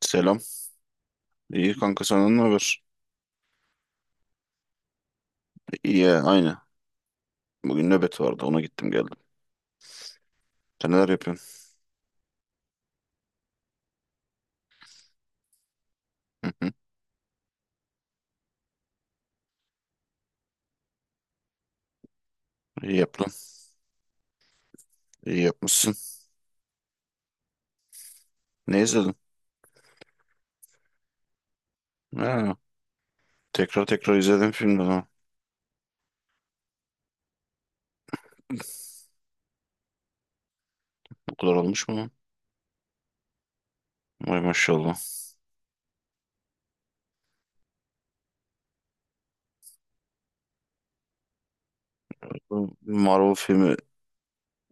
Selam. İyi kanka senden ne haber? İyi ya, aynı. Bugün nöbet vardı ona gittim geldim. Sen neler yapıyorsun? Hı hı. İyi yaptın. İyi yapmışsın. Ne izledin? Ha, tekrar tekrar izledim filmden ha. Bu kadar olmuş mu lan? Vay maşallah. Bu Marvel filmi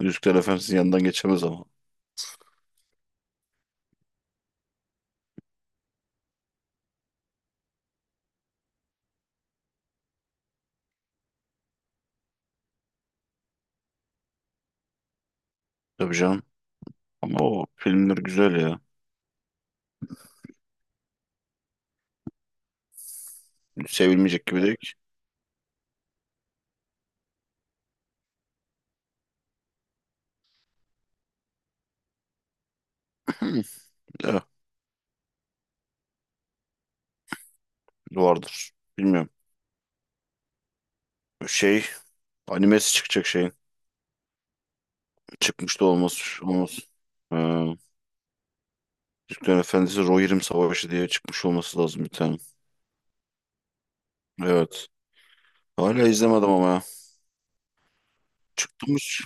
Yüzükler Efendisi'nin yanından geçemez ama. Tabii canım. Ama o filmler güzel ya. Sevilmeyecek gibi değil ki. Hı, eh, vardır. Bilmiyorum. Şey animesi çıkacak şeyin. Çıkmış da olmaz. Olmaz. Türklerin Efendisi Rohirrim Savaşı diye çıkmış olması lazım bir tane. Evet. Hala izlemedim ama ya. Çıkmış.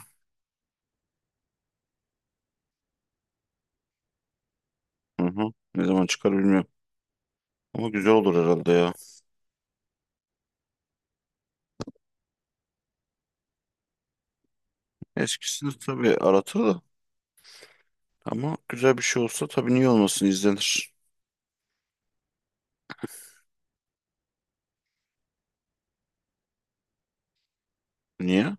Hı hı. Ne zaman çıkar bilmiyorum. Ama güzel olur herhalde ya. Eskisini tabii aratır da. Ama güzel bir şey olsa tabii niye olmasın izlenir. Niye?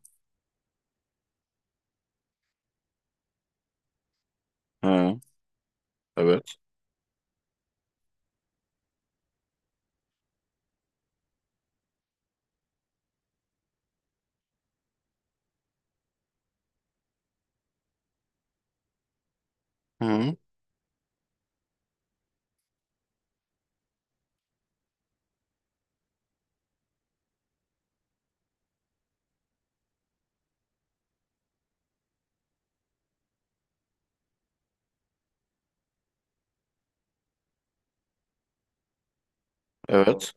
Ha, evet. Hı, evet.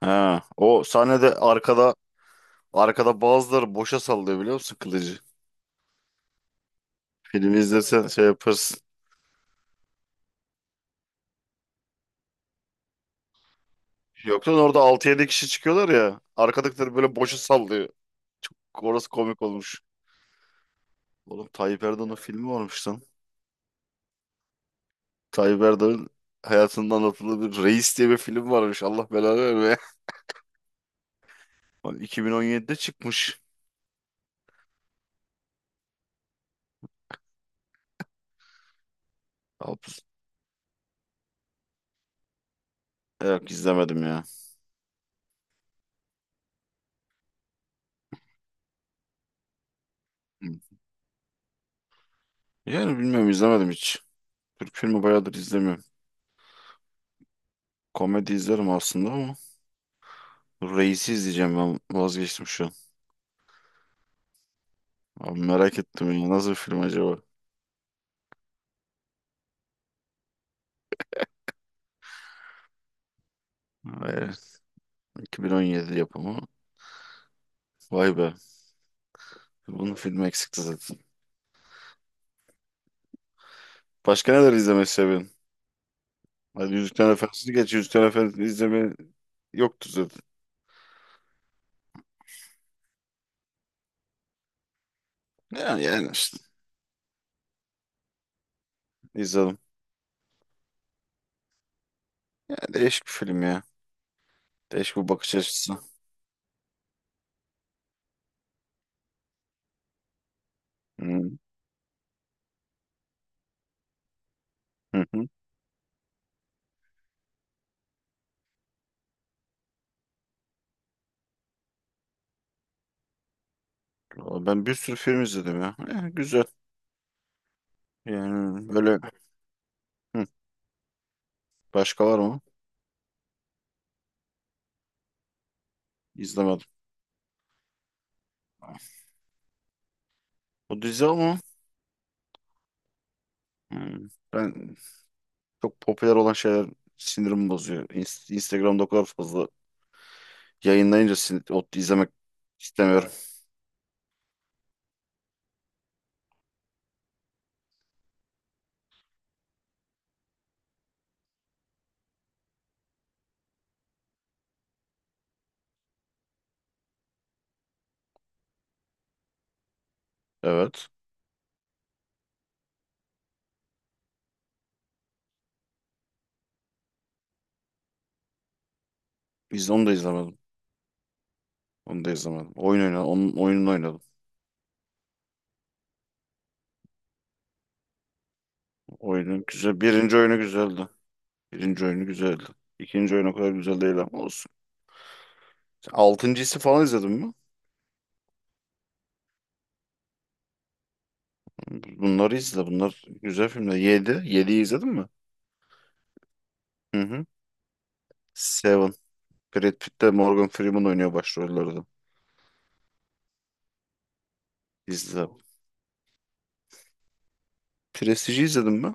Ha, o sahnede arkada bazıları boşa sallıyor biliyor musun kılıcı? Filmi izlesen şey yaparsın. Yoksa orada 6-7 kişi çıkıyorlar ya. Arkadakileri böyle boşa sallıyor. Çok orası komik olmuş. Oğlum Tayyip Erdoğan'ın filmi varmış lan. Tayyip Erdoğan'ın hayatında anlatılı bir Reis diye bir film varmış. Allah belanı vermeye. Bak 2017'de çıkmış. Hapus. Yok izlemedim ya. Hı. Yani bilmiyorum izlemedim hiç. Türk filmi bayağıdır izlemiyorum. Komedi izlerim aslında ama Reis'i izleyeceğim ben vazgeçtim şu an. Abi merak ettim ya nasıl bir film acaba? Evet, 2017 yapımı. Vay be. Bunun filmi eksikti zaten. Başka neler izlemeyi seviyorsun? Hadi Yüzüklerin Efendisi'ni geç. Yüzüklerin Efendisi'ni izleme yoktu zaten. Ya yani işte izledim. Ya değişik bir film ya. Değişik bir bakış açısı. Hı hı. Hı. Valla ben bir sürü film izledim ya. Ya güzel. Yani böyle hı. Başka var mı? İzlemedim. O dizi ama hı. Ben çok popüler olan şeyler sinirimi bozuyor. Instagram'da o kadar fazla yayınlayınca o izlemek istemiyorum. Evet. Onu da izlemedim. Onu da izlemedim. Oyun oynadım. Onun oyununu oynadım. Oyunun güzel. Birinci oyunu güzeldi. Birinci oyunu güzeldi. İkinci oyun o kadar güzel değil ama olsun. Sen Altıncısı falan izledin mi? Bunları izle. Bunlar güzel filmler. Yedi. Yediyi izledin mi? Hı hı. Seven. Brad Pitt de Morgan Freeman oynuyor başrollerde. İzle. Prestige'i izledin mi?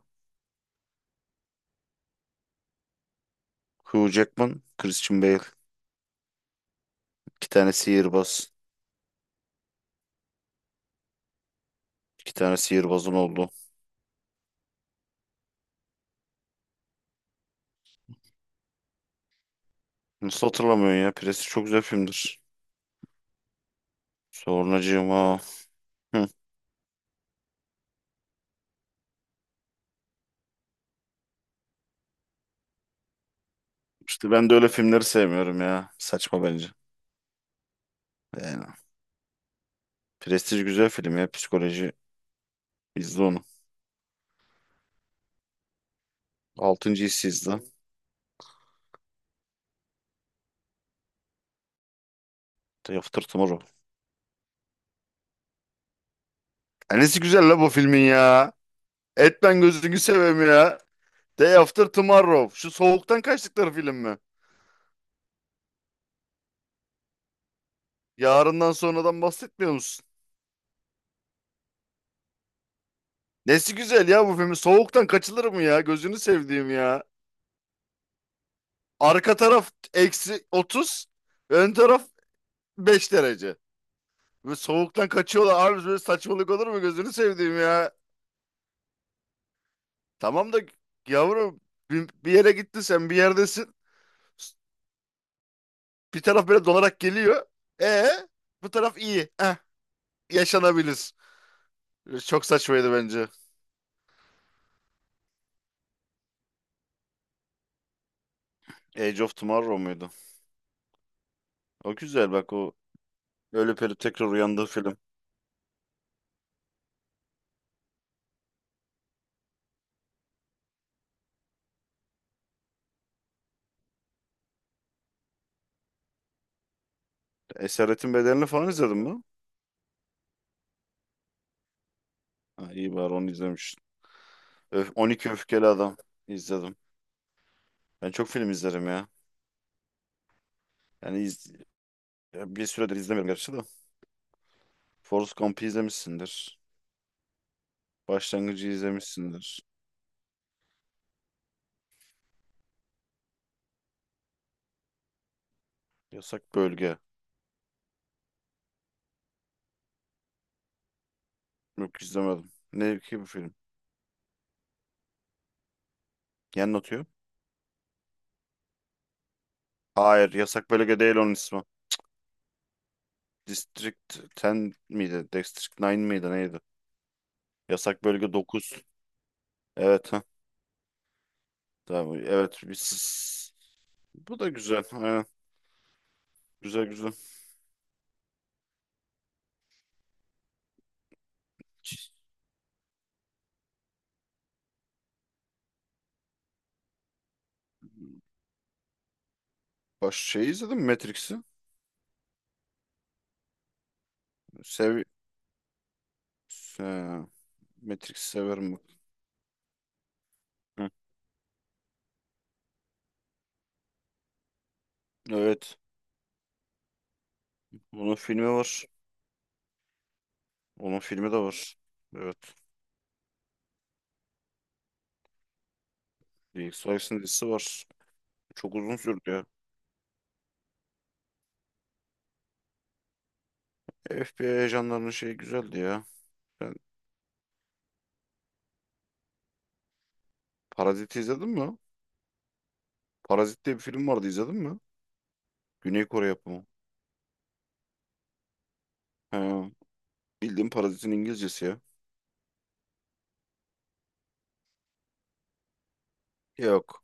Hugh Jackman, Christian Bale. İki tane sihirbaz. İki tane sihirbazın oldu. Nasıl hatırlamıyorsun ya? Prestige çok güzel filmdir. Sonracığım ha. Hı. İşte ben de öyle filmleri sevmiyorum ya. Saçma bence. Yani. Prestige güzel film ya. Psikoloji. İzle onu. Altıncı hissizdi. Day After Tomorrow. Nesi güzel la bu filmin ya. Etmen gözünü seveyim ya. Day After Tomorrow. Şu soğuktan kaçtıkları film mi? Yarından sonradan bahsetmiyor musun? Nesi güzel ya bu filmin. Soğuktan kaçılır mı ya? Gözünü sevdiğim ya. Arka taraf eksi 30. Ön taraf 5 derece. Ve soğuktan kaçıyorlar. Abi böyle saçmalık olur mu? Gözünü sevdiğim ya. Tamam da yavrum bir yere gittin sen bir yerdesin. Bir taraf böyle donarak geliyor. E Bu taraf iyi. Yaşanabilir. Çok saçmaydı bence. Age of Tomorrow muydu? O güzel bak o ölüp ölüp tekrar uyandığı film. Esaretin Bedeli'ni falan izledin mi? Ha, iyi bari onu izlemişsin. Öf, 12 Öfkeli Adam izledim. Ben çok film izlerim ya. Yani ya bir süredir izlemiyorum gerçi de. Forrest Gump'ı izlemişsindir. Başlangıcı izlemişsindir. Yasak Bölge. Yok izlemedim. Ne ki bu film? Yer atıyor. Hayır, Yasak Bölge değil onun ismi. District 10 miydi? District 9 miydi? Neydi? Yasak bölge 9. Evet ha. Tamam. Evet. Biz... Bu da güzel. Aynen. Güzel güzel. Şey izledim mi Matrix'i. Sev... Se- Matrix'i severim bak. Hı. Evet. Onun filmi var. Onun filmi de var. Evet. X Files'in dizisi var. Çok uzun sürdü ya. FBI ajanlarının şeyi güzeldi ya. Ben Parazit'i izledin mi? Parazit diye bir film vardı izledin mi? Güney Kore yapımı. He. Bildiğim parazitin İngilizcesi ya. Yok.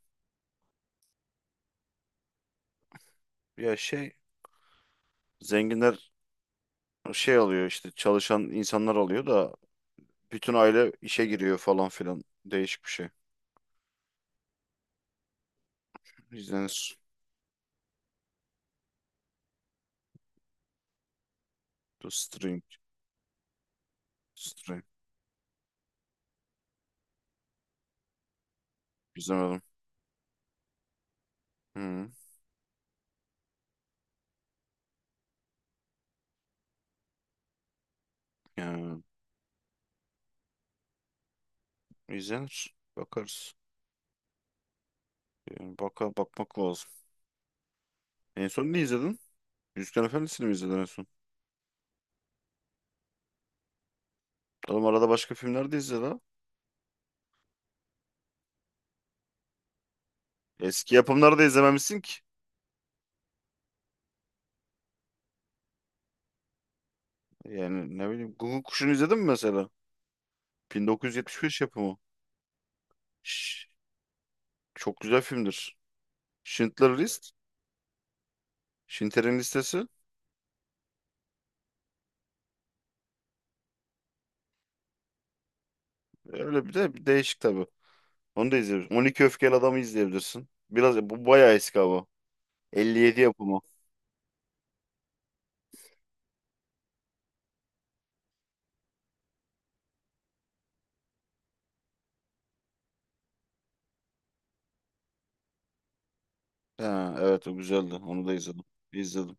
Ya şey zenginler şey alıyor işte çalışan insanlar alıyor da bütün aile işe giriyor falan filan. Değişik bir şey. İzlenir. The String. String. İzlemedim. Hı. Yani izlenir. Bakarız. Yani bakmak lazım. En son ne izledin? Yüzüklerin Efendisi'ni mi izledin en son? Oğlum arada başka filmler de izle la. Eski yapımları da izlememişsin ki. Yani ne bileyim Guguk Kuşu'nu izledin mi mesela? 1975 yapımı. Şş, çok güzel filmdir. Schindler List. Schindler'in listesi. Öyle bir de bir değişik tabii. Onu da izleyebilirsin. 12 Öfkeli Adam'ı izleyebilirsin. Biraz bu bayağı eski abi. 57 yapımı. Ha, evet o güzeldi. Onu da izledim. İzledim.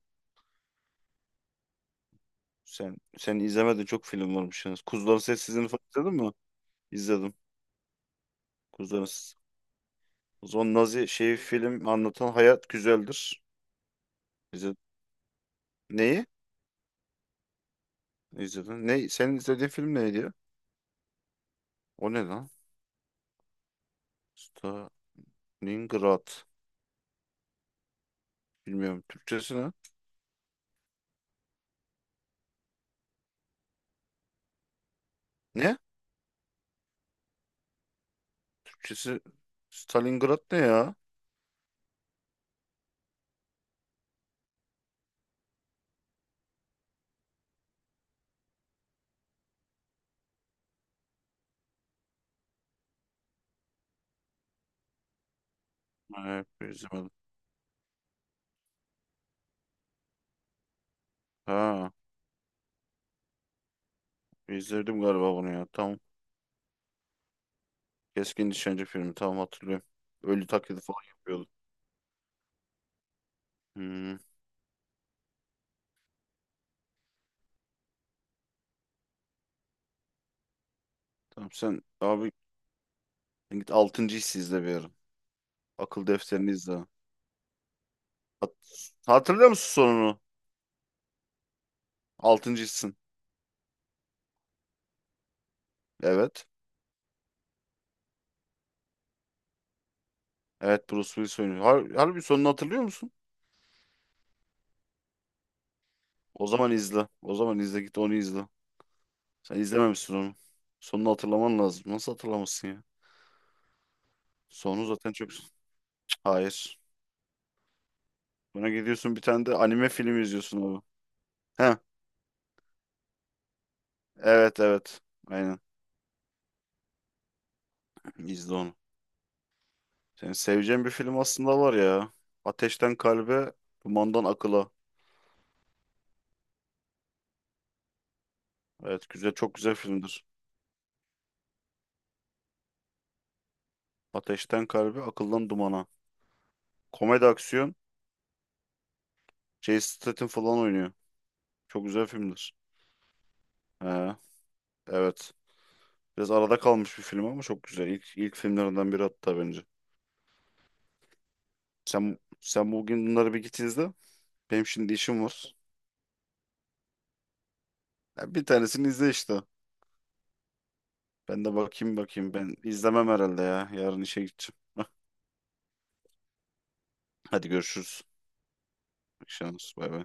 Sen izlemedin çok film varmış yalnız. Kuzuların Sessizliğini falan izledin mi? İzledim. Kuzuların Sessizliğini. O zaman Nazi şeyi film anlatan hayat güzeldir. İzledim. Neyi? İzledin. Ne? Senin izlediğin film neydi ya? O ne lan? Stalingrad. Bilmiyorum. Türkçesi ne? Ne? Türkçesi Stalingrad ne ya? Ha, hep izlemedim. Ha, bir izledim galiba bunu ya. Tamam. Keskin Nişancı filmi. Tamam hatırlıyorum. Ölü taklidi falan yapıyordu. Hmm. Tamam sen abi git altıncı hissi izle bir ara. Akıl defterini izle. Hat Hatırlıyor musun sonunu? Altıncı hissin. Evet. Evet Bruce Willis oynuyor. Harbi sonunu hatırlıyor musun? O zaman izle. O zaman izle git onu izle. Sen izlememişsin onu. Sonunu hatırlaman lazım. Nasıl hatırlamazsın ya? Sonu zaten çok... Hayır. Buna gidiyorsun bir tane de anime film izliyorsun abi. Heh, evet evet. Aynen. İzle onu. Senin seveceğin bir film aslında var ya. Ateşten Kalbe, Dumandan Akıla. Evet güzel çok güzel filmdir. Ateşten Kalbe, Akıldan Dumana. Komedi aksiyon. Jason Statham falan oynuyor. Çok güzel filmdir. He, evet. Biraz arada kalmış bir film ama çok güzel. İlk filmlerinden biri hatta bence. Sen bugün bunları bir git izle. Benim şimdi işim var. Ya bir tanesini izle işte. Ben de bakayım bakayım. Ben izlemem herhalde ya. Yarın işe gideceğim. Hadi görüşürüz. İyi şans. Bay bay.